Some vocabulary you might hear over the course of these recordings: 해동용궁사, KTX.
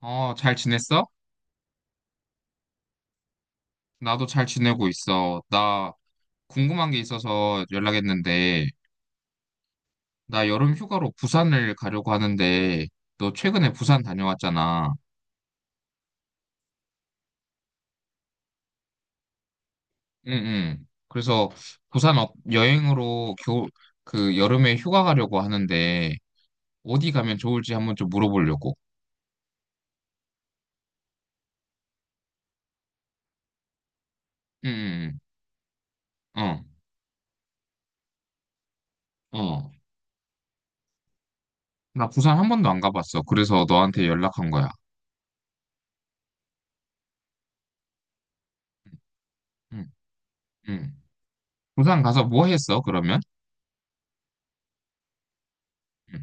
어, 잘 지냈어? 나도 잘 지내고 있어. 나 궁금한 게 있어서 연락했는데, 나 여름 휴가로 부산을 가려고 하는데, 너 최근에 부산 다녀왔잖아. 응, 응. 그래서 부산 어- 여행으로 겨, 그 여름에 휴가 가려고 하는데, 어디 가면 좋을지 한번 좀 물어보려고. 응, 응, 응. 어, 어. 나 부산 한 번도 안 가봤어. 그래서 너한테 연락한 거야. 응, 응. 부산 가서 뭐 했어, 그러면? 응.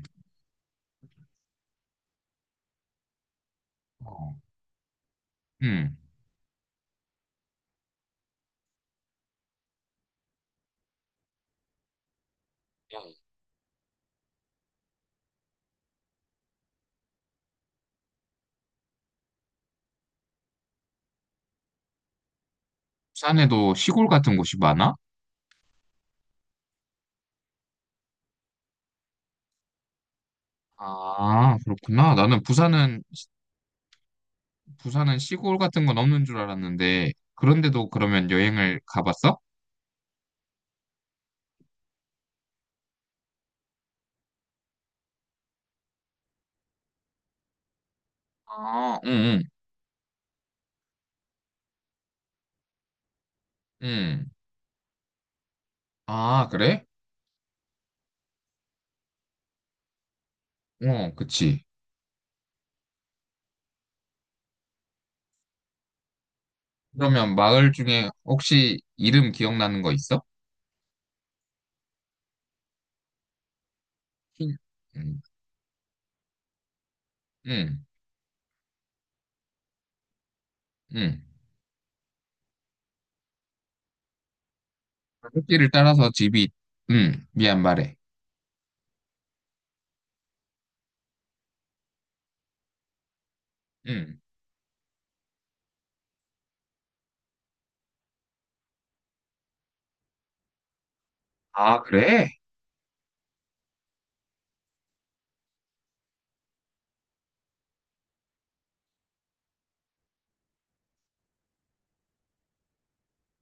어. 응. 부산에도 시골 같은 곳이 많아? 아, 그렇구나. 나는 부산은 시골 같은 건 없는 줄 알았는데, 그런데도 그러면 여행을 가봤어? 아, 응, 응, 응. 아, 그래? 어, 그치. 그러면 마을 중에 혹시 이름 기억나는 거 있어? 응, 응, 응. 응. 길을 따라서 집이, 응, 미안 말해. 응. 아, 그래?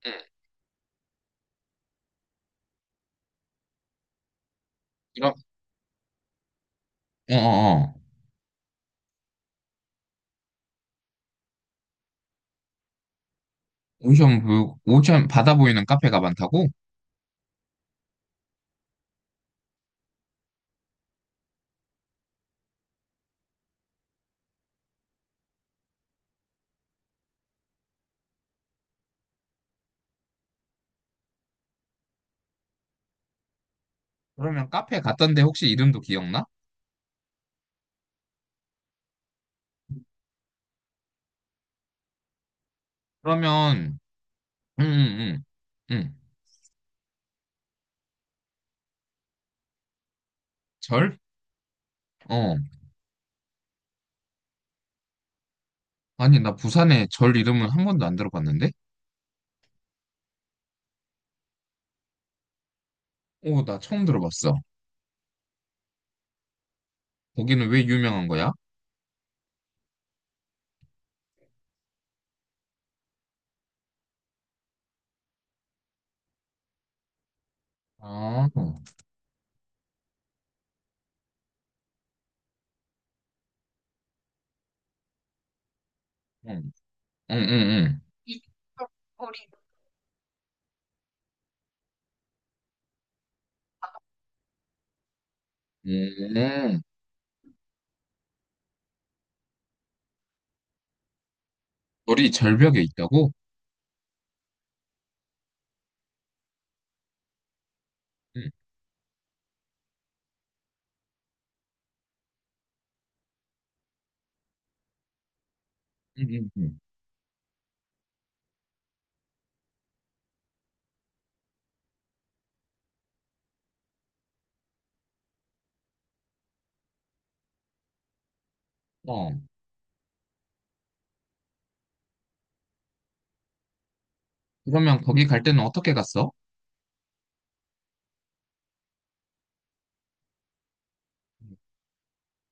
응. 그럼, 어, 어, 어. 오션 뷰, 오션 바다 보이는 카페가 많다고? 그러면 카페 갔던데 혹시 이름도 기억나? 그러면 응, 응, 응, 응. 절? 어. 아니, 나 부산에 절 이름은 한 번도 안 들어봤는데? 오, 나 처음 들어봤어. 거기는 왜 유명한 거야? 아, 응, 응, 응, 응. 응. 절이 절벽에 있다고? 응, 응, 응, 응. 어. 그러면 거기 갈 때는 어떻게 갔어?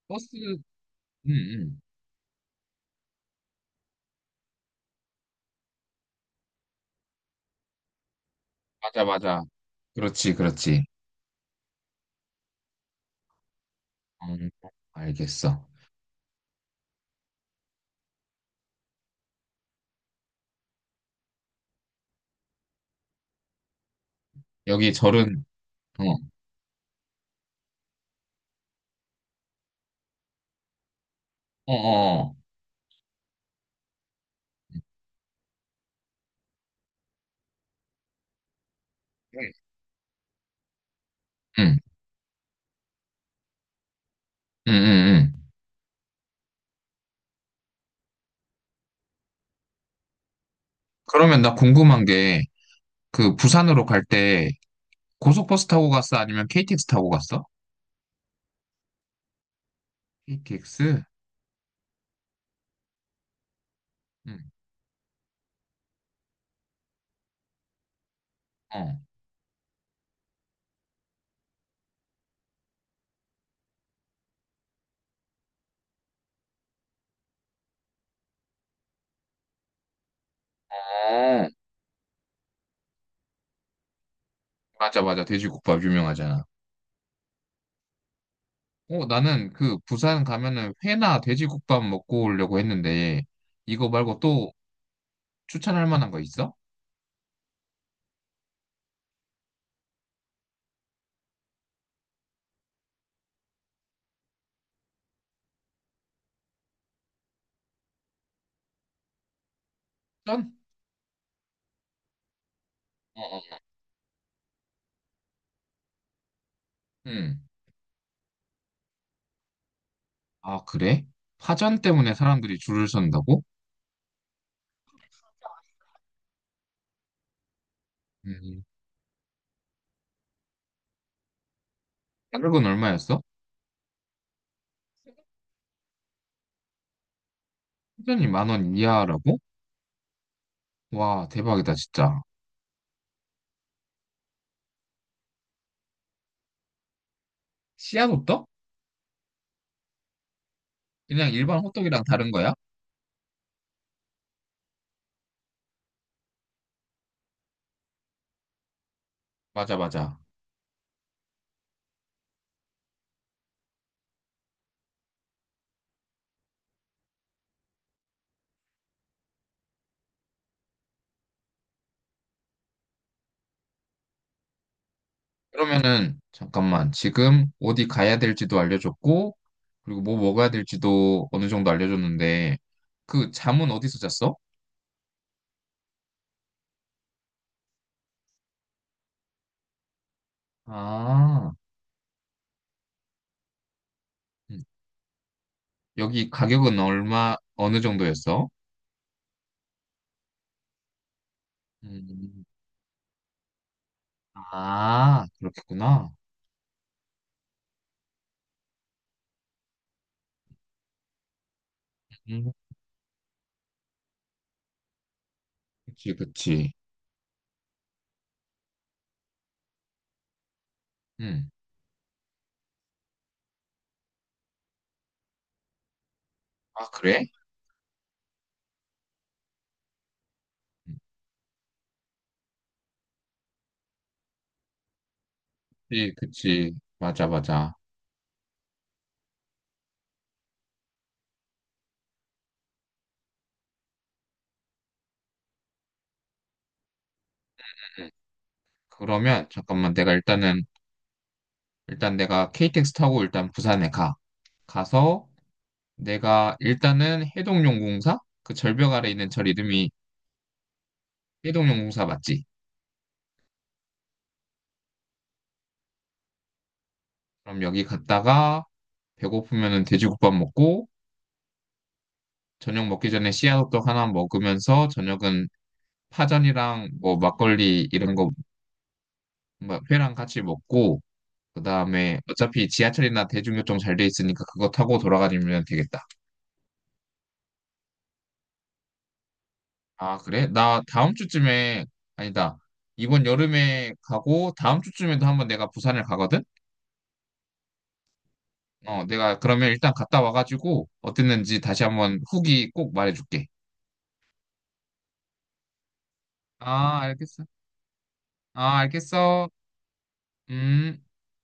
버스, 응, 응. 맞아, 맞아. 그렇지, 그렇지. 음, 알겠어. 여기 절은, 어, 어, 어. 어. 응. 응. 응, 응, 응. 그러면 나 궁금한 게, 그 부산으로 갈 때 고속버스 타고 갔어? 아니면 KTX 타고 갔어? KTX? 응, 어. 어, 맞아, 맞아. 돼지국밥 유명하잖아. 어, 나는 그 부산 가면은 회나 돼지국밥 먹고 오려고 했는데, 이거 말고 또 추천할 만한 거 있어? 전? 어, 어. 응. 아, 그래? 파전 때문에 사람들이 줄을 선다고? 음. 가격은 얼마였어? 파전이 만원 이하라고? 와, 대박이다, 진짜. 씨앗 호떡? 그냥 일반 호떡이랑 다른 거야? 맞아, 맞아. 그러면은, 잠깐만. 지금 어디 가야 될지도 알려줬고, 그리고 뭐 먹어야 될지도 어느 정도 알려줬는데, 그 잠은 어디서 잤어? 아, 음. 여기 가격은 얼마, 어느 정도였어? 음, 아, 그렇겠구나. 음, 그치, 그치. 음. 아, 그래? 음, 그치, 그치. 맞아, 맞아. 음. 그러면, 잠깐만. 내가 일단은, 일단 내가 KTX 타고 일단 부산에 가. 가서, 내가 일단은 해동용궁사? 그 절벽 아래 있는 절 이름이 해동용궁사 맞지? 그럼 여기 갔다가 배고프면은 돼지국밥 먹고 저녁 먹기 전에 씨앗호떡 하나 먹으면서 저녁은 파전이랑 뭐 막걸리 이런 거뭐 회랑 같이 먹고 그다음에 어차피 지하철이나 대중교통 잘 돼 있으니까 그거 타고 돌아다니면 되겠다. 아, 그래? 나 다음 주쯤에 아니다. 이번 여름에 가고 다음 주쯤에도 한번 내가 부산을 가거든? 어, 내가 그러면 일단 갔다 와가지고 어땠는지 다시 한번 후기 꼭 말해줄게. 아, 알겠어. 아, 알겠어. 음.